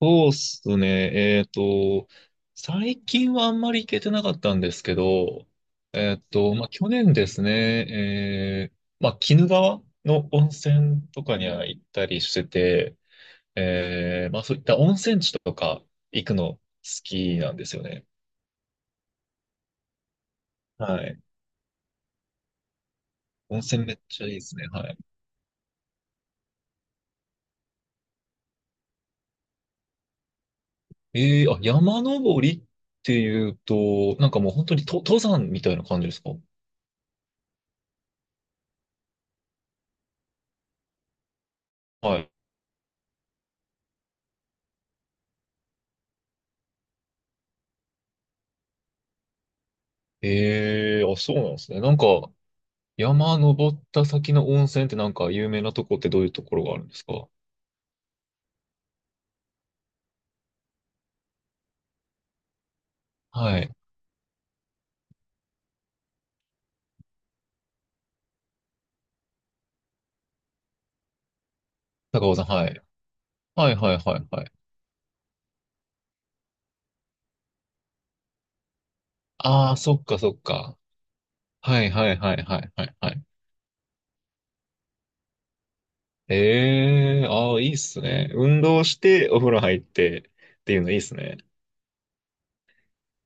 そうっすね。最近はあんまり行けてなかったんですけど、去年ですね、鬼怒川の温泉とかには行ったりしてて、そういった温泉地とか行くの好きなんですよね。はい。温泉めっちゃいいですね。はい。あ、山登りっていうと、なんかもう本当に登山みたいな感じですか？はい。あ、そうなんですね。なんか、山登った先の温泉ってなんか有名なとこってどういうところがあるんですか？はい。高尾さん、はい。はいはいはいはい。ああ、そっかそっか。はいはいはいはいはいはい。ええー、ああ、いいっすね。運動してお風呂入ってっていうのいいっすね。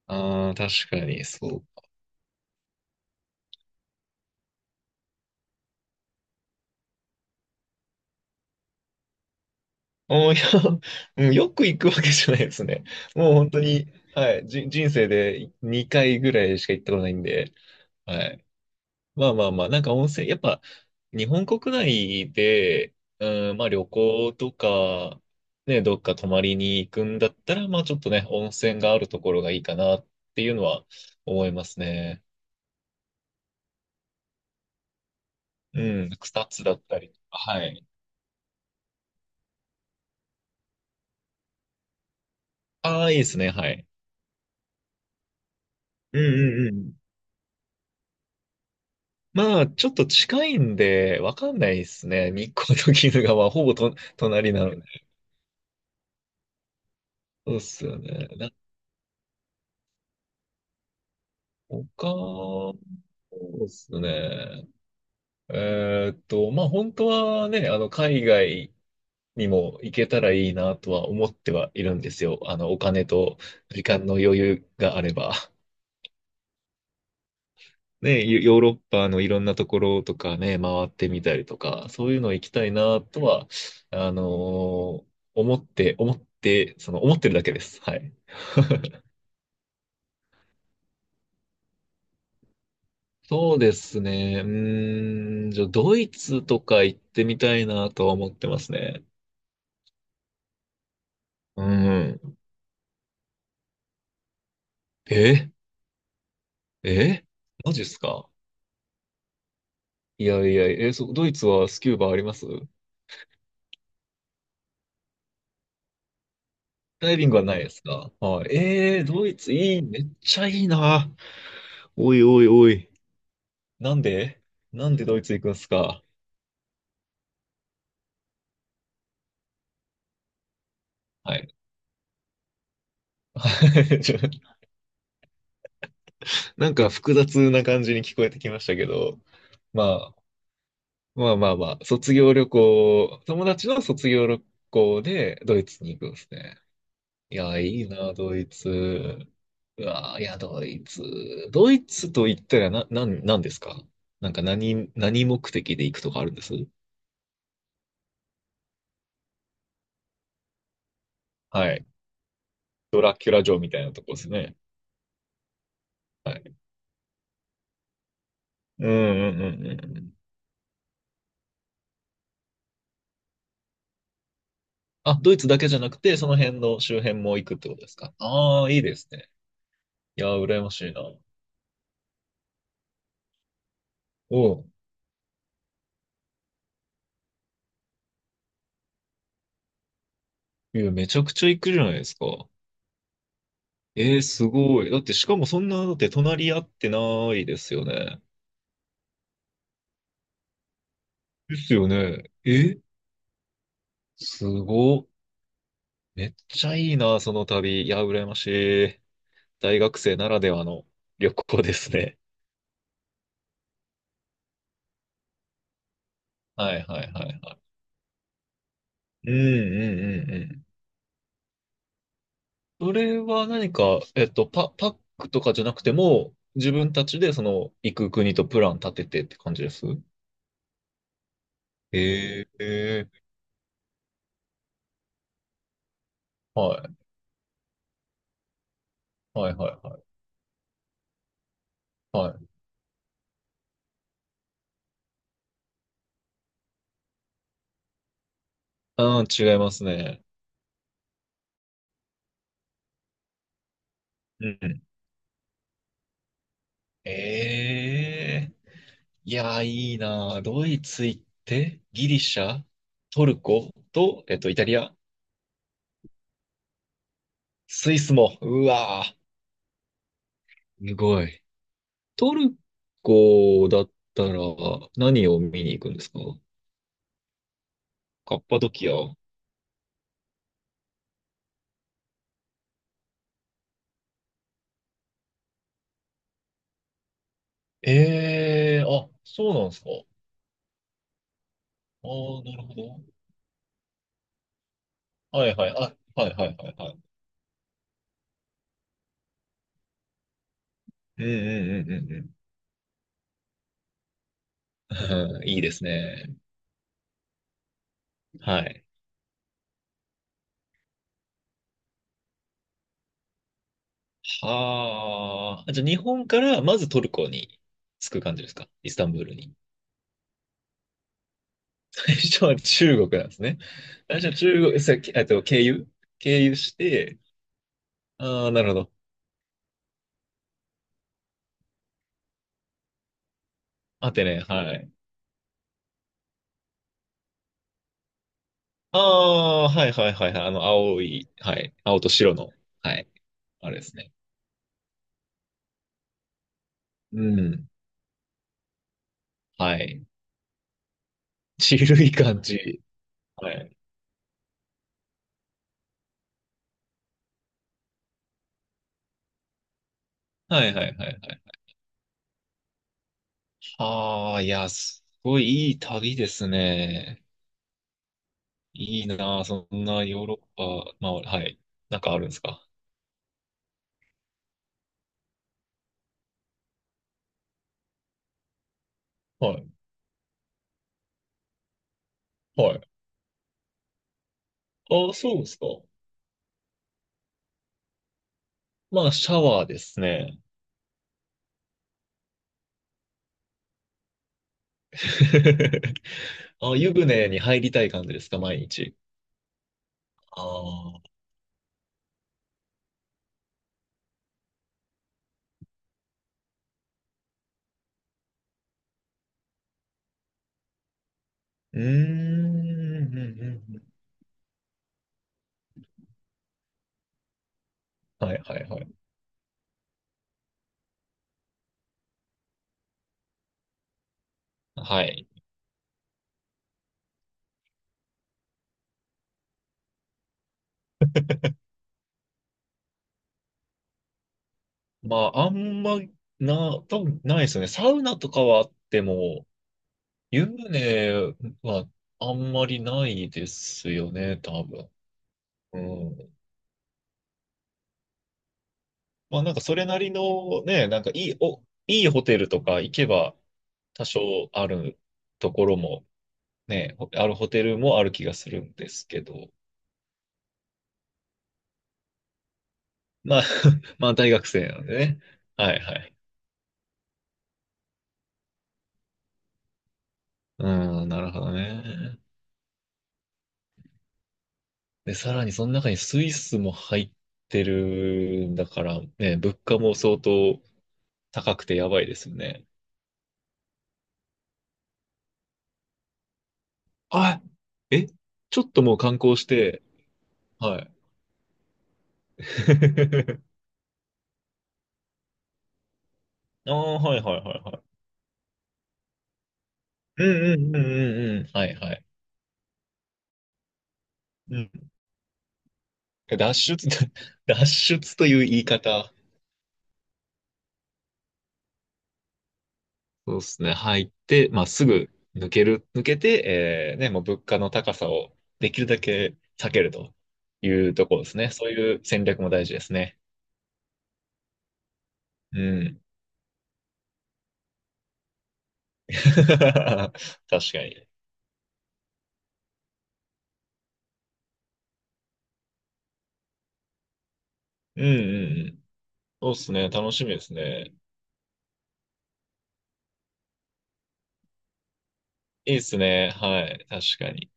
ああ、確かに、そう。あーいや、うん、よく行くわけじゃないですね。もう本当に、はい、人生で2回ぐらいしか行ったことないんで、はい。まあまあまあ、なんか温泉、やっぱ日本国内で、うん、まあ旅行とか、ね、どっか泊まりに行くんだったら、まあちょっとね、温泉があるところがいいかなっていうのは思いますね。うん、草津だったりとか、はい。ああ、いいですね、はい。うんうんうん。まあ、ちょっと近いんで、わかんないですね。日光と鬼怒川、ほぼ隣なので。そうっすよね。そうっすね。本当はね、あの、海外にも行けたらいいなとは思ってはいるんですよ。あの、お金と時間の余裕があれば。ね、ヨーロッパのいろんなところとかね、回ってみたりとか、そういうの行きたいなとは、あのー思って、思って、その、思ってるだけです。はい。そうですね。うーん、じゃあ、ドイツとか行ってみたいなとは思ってますね。うん。ええ、マジっすか？いやいや、えーそドイツはスキューバあります？ダイビングはないですか？はい。えー、ドイツいい、めっちゃいいな。おいおいおい。なんで、なんでドイツ行くんすか？はい。ちょなんか複雑な感じに聞こえてきましたけど、まあ、まあまあまあ、卒業旅行、友達の卒業旅行でドイツに行くんですね。いや、いいな、ドイツ。うわー、いや、ドイツ。ドイツと言ったらなんですか？なんか何目的で行くとかあるんです？はい。ドラキュラ城みたいなとこですね。はい。うんうんうんうんうん。あ、ドイツだけじゃなくて、その辺の周辺も行くってことですか？ああー、いいですね。いやー、羨ましいな。おう。いや、めちゃくちゃ行くじゃないですか。えー、すごい。だって、しかもそんな、だって隣り合ってないですよね。ですよね。すごっ。めっちゃいいな、その旅。いや、羨ましい。大学生ならではの旅行ですね。はいはいはいはい。うんうんうんうん。それは何か、パックとかじゃなくても、自分たちでその、行く国とプラン立ててって感じです？ええー、はい、はいはいはい。はい。うん、違いますね。うんうん。ええ、いやー、いいなー。ドイツ行って、ギリシャ、トルコと、えっと、イタリア。スイスも、うわぁ。すごい。トルコだったら何を見に行くんですか？カッパドキア。ええー、あ、そうなんですか？ああ、なるほど。はいはい、あ、はいはいはいはい。うんうんうんうんうん。うん、いいですね。はい。はあ。じゃあ日本からまずトルコに着く感じですか？イスタンブールに。最初は中国なんですね。最初は中国、さ、えっと、経由、経由して、ああ、なるほど。アテネ、はい。ああ、はいはいはいはい。あの、青い、はい。青と白の、はい。あれですね。うん。はい。ちるい感じ。はい。はいはいはいはい。ああ、いや、すごいいい旅ですね。いいなあ、そんなヨーロッパ、まあ、はい。なんかあるんですか？はい。はい。ああ、そうですか。まあ、シャワーですね。あ、湯船に入りたい感じですか、毎日？ああ。うーん、うん、うん、うん。はいはいはい。はい。まあ、あんま、多分ないですよね。サウナとかはあっても、湯船はあんまりないですよね、多分。うん。まあなんかそれなりのね、いいホテルとか行けば多少あるところもね、あるホテルもある気がするんですけど。まあ まあ大学生なんでね。はいはい。うん、なるほどね。で、さらにその中にスイスも入ってるんだからね、物価も相当高くてやばいですよね。あ、え、ちょっともう観光して、はい。ああ、はいはいはいはい。うんうんうんうんうん。はいはい。うん。脱出、脱出という言い方。そうですね。入って、まあ、すぐ抜ける、抜けて、えーね、もう物価の高さをできるだけ避けるというところですね。そういう戦略も大事ですね。うん。確かに。うんうんうん。そうっすね。楽しみですね。いいっすね。はい。確かに。